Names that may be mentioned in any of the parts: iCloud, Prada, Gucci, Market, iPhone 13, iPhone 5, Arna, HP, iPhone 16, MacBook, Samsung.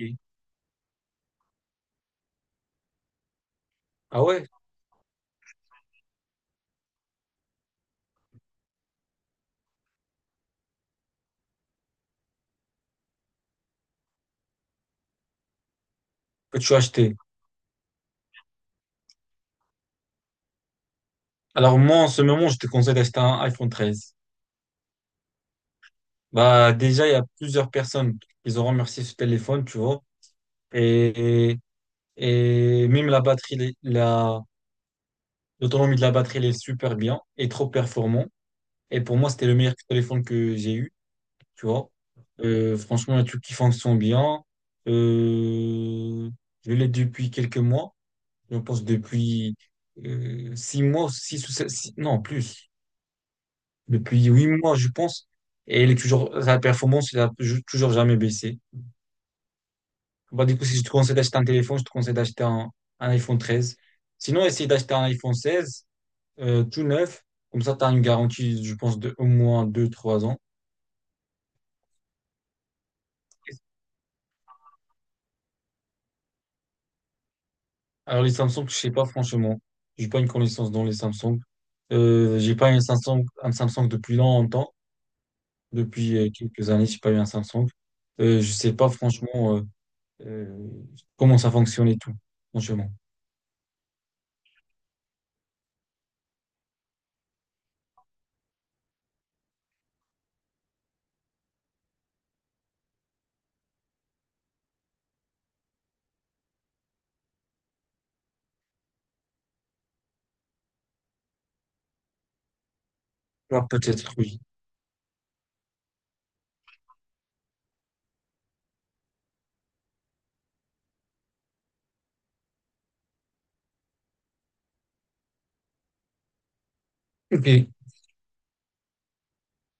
Oui. Ah ouais, que tu as acheté. Alors moi, en ce moment, je te conseille d'acheter un iPhone 13. Bah déjà, il y a plusieurs personnes qui ont remercié ce téléphone, tu vois. Et, et même la batterie, elle la, l'autonomie de la batterie, elle est super bien et trop performant. Et pour moi, c'était le meilleur téléphone que j'ai eu, tu vois. Franchement, il y a des trucs qui fonctionnent bien. Euh, je l'ai depuis quelques mois. Je pense depuis 6 mois, six ou sept, non, plus. Depuis 8 mois, je pense. Et elle est toujours, sa performance, toujours jamais baissé. Bah, du coup, si je te conseille d'acheter un téléphone, je te conseille d'acheter un iPhone 13. Sinon, essaye d'acheter un iPhone 16, tout neuf. Comme ça, tu as une garantie, je pense, de au moins 2 ou 3 ans. Alors, les Samsung, je sais pas, franchement. J'ai pas une connaissance dans les Samsung. J'ai pas eu un Samsung depuis longtemps. Depuis quelques années, j'ai pas eu un Samsung. Je sais pas, franchement, euh, comment ça fonctionne et tout, franchement. Ah, peut-être, oui. Ok.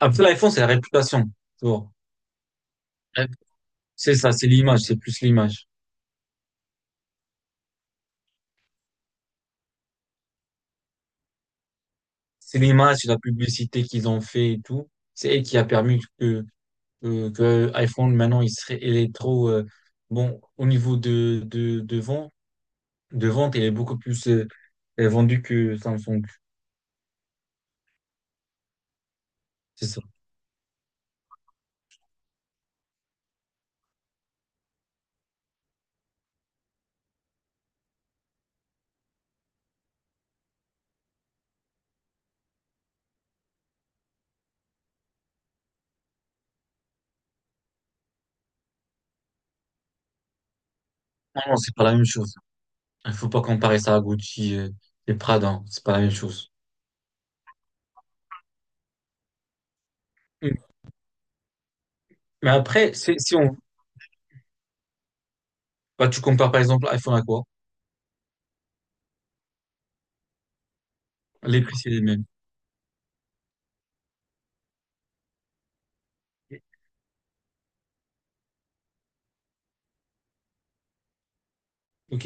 Après, l'iPhone, c'est la réputation, tu vois. Ouais. C'est ça, c'est l'image, c'est plus l'image. C'est l'image, c'est la publicité qu'ils ont fait et tout. C'est elle qui a permis que iPhone, maintenant, il est trop, bon, au niveau de vente, il est beaucoup plus vendu que Samsung. C'est ça. Non, non, c'est pas la même chose. Il faut pas comparer ça à Gucci, et Prada, hein. C'est pas la même chose. Mm. Mais après, c'est- si on, bah, tu compares par exemple iPhone à quoi? Les prix, c'est les mêmes. Ok.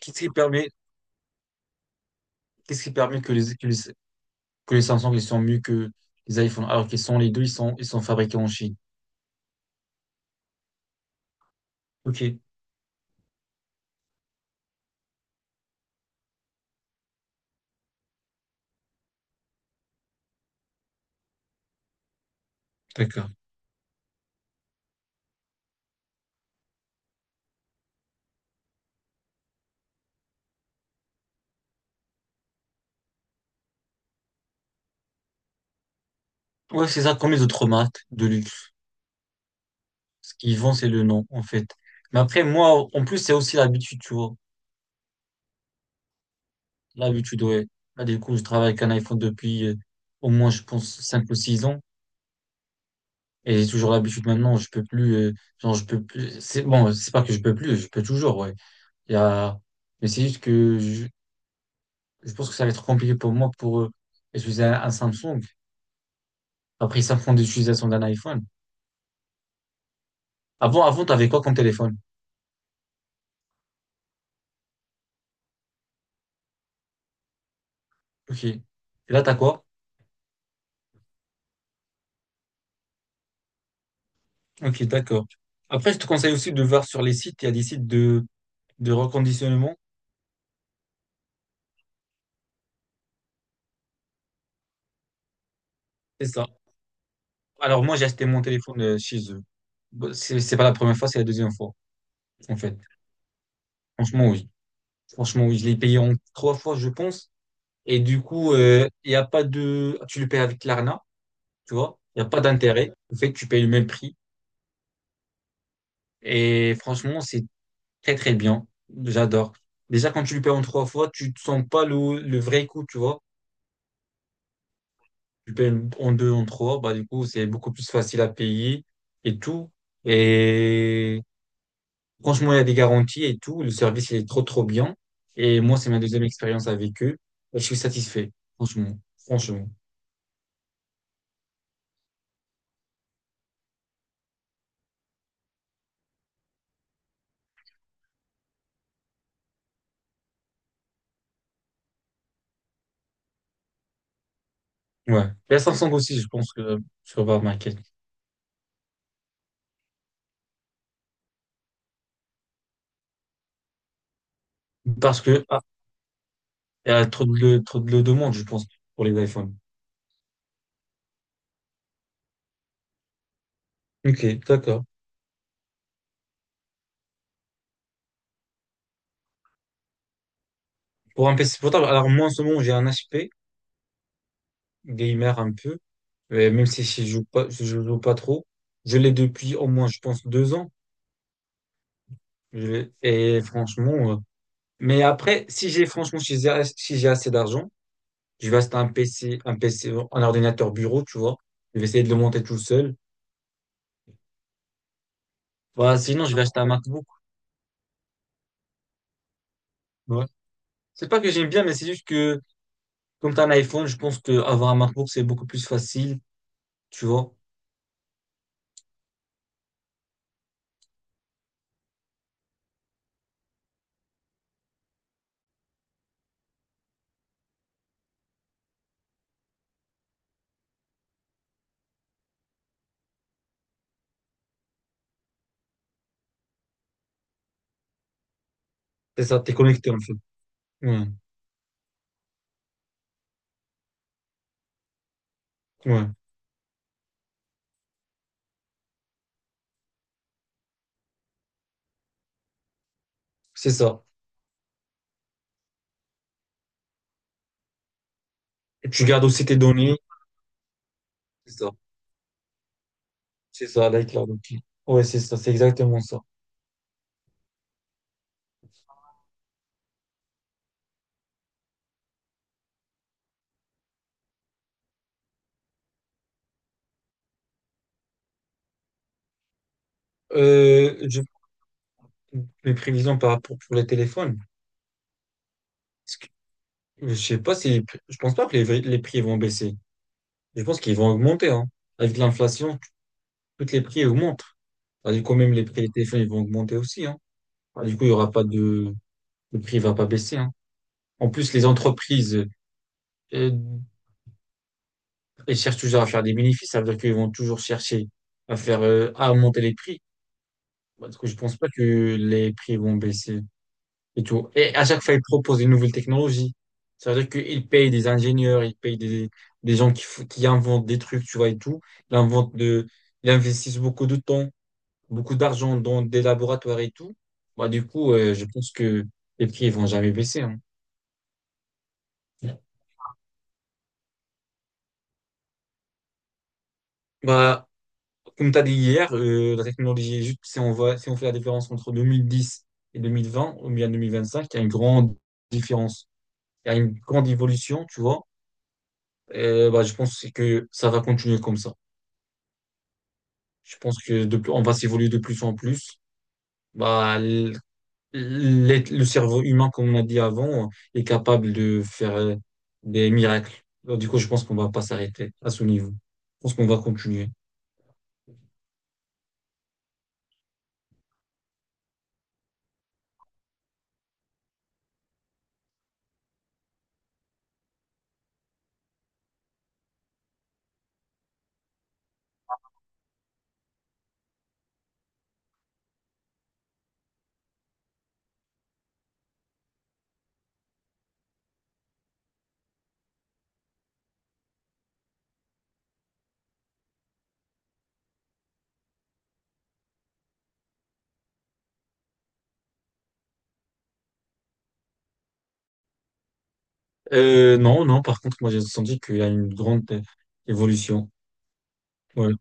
Qu'est-ce qui permet, qu'est-ce qui permet que que les Samsung ils sont mieux que les iPhones alors qu'ils sont les deux, ils sont fabriqués en Chine. Ok, d'accord. Ouais, c'est ça, comme les autres marques de luxe. Ce qu'ils vendent, c'est le nom, en fait. Mais après, moi, en plus, c'est aussi l'habitude, tu vois. L'habitude, ouais. Là, du coup, je travaille avec un iPhone depuis au moins, je pense, 5 ou 6 ans. Et j'ai toujours l'habitude maintenant, genre, je peux plus, c'est bon, c'est pas que je peux plus, je peux toujours, ouais. Il y a, mais c'est juste je pense que ça va être compliqué pour moi pour utiliser un Samsung. Après, ça prend l'utilisation d'un iPhone. Avant, t'avais quoi comme téléphone? Ok. Et là, t'as quoi? Ok, d'accord. Après, je te conseille aussi de voir sur les sites. Il y a des sites de reconditionnement. C'est ça. Alors, moi, j'ai acheté mon téléphone chez eux. Bon, c'est pas la première fois, c'est la deuxième fois, en fait. Franchement, oui. Franchement, oui. Je l'ai payé en trois fois, je pense. Et du coup, il y a pas de, tu le payes avec l'Arna, tu vois. Il n'y a pas d'intérêt. En fait, tu payes le même prix. Et franchement, c'est très, très bien. J'adore. Déjà, quand tu lui payes en trois fois, tu ne sens pas le vrai coût, tu vois. Tu payes en deux, en trois, bah, du coup, c'est beaucoup plus facile à payer et tout. Et franchement, il y a des garanties et tout. Le service, il est trop, trop bien. Et moi, c'est ma deuxième expérience avec eux. Et je suis satisfait, franchement. Franchement. Ouais. Et à Samsung aussi, je pense que sur Market. Parce que, ah, il y a trop de demande, je pense, pour les iPhones. Ok, d'accord. Pour un PC portable, alors moi, en ce moment, j'ai un HP, gamer un peu. Même si je joue pas, je joue pas trop. Je l'ai depuis au moins, je pense, 2 ans. Je l'ai- et franchement, mais après, si j'ai si j'ai assez d'argent, je vais acheter un PC, un ordinateur bureau, tu vois. Je vais essayer de le monter tout seul. Voilà, sinon, je vais acheter un MacBook. Ouais. C'est pas que j'aime bien, mais c'est juste que, comme t'as un iPhone, je pense que avoir un MacBook, c'est beaucoup plus facile, tu vois. C'est ça, t'es connecté en fait. Ouais, ouais, c'est ça. Et tu gardes aussi tes données. C'est ça, c'est ça, l'iCloud. Ok. Ouais, c'est ça, c'est exactement ça. Euh, je- mes prévisions par rapport pour les téléphones. Parce que je sais pas si, je pense pas que les prix vont baisser. Je pense qu'ils vont augmenter, hein, avec l'inflation. Toutes les prix augmentent. Bah, du coup, même les prix des téléphones, ils vont augmenter aussi, hein. Bah, du coup, il y aura pas de, le prix va pas baisser, hein. En plus, les entreprises, euh, elles cherchent toujours à faire des bénéfices. Ça veut dire qu'ils vont toujours chercher à faire, à monter les prix. Bah, du coup, je pense pas que les prix vont baisser et tout. Et à chaque fois, ils proposent une nouvelle technologie. Ça veut dire qu'ils payent des ingénieurs, ils payent des gens qui inventent des trucs, tu vois, et tout. Ils inventent de, ils investissent beaucoup de temps, beaucoup d'argent dans des laboratoires et tout. Bah, du coup, je pense que les prix ils vont jamais baisser, hein. Bah, comme tu as dit hier, la technologie, juste si on voit, si on fait la différence entre 2010 et 2020, ou bien 2025, il y a une grande différence. Il y a une grande évolution, tu vois. Bah, je pense que ça va continuer comme ça. Je pense que de plus- on va s'évoluer de plus en plus. Bah, le cerveau humain, comme on a dit avant, est capable de faire des miracles. Alors, du coup, je pense qu'on va pas s'arrêter à ce niveau. Je pense qu'on va continuer. Non, non, par contre, moi, j'ai senti qu'il y a une grande évolution. Ouais.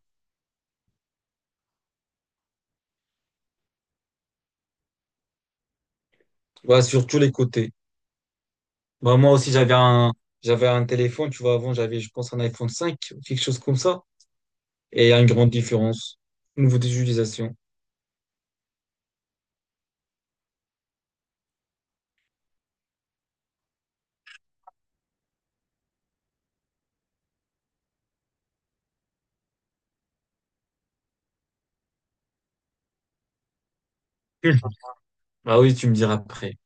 Voilà, sur tous les côtés. Bah, moi aussi, j'avais un téléphone, tu vois, avant, j'avais, je pense, un iPhone 5, quelque chose comme ça. Et il y a une grande différence au niveau des utilisations. Bah oui, tu me diras après.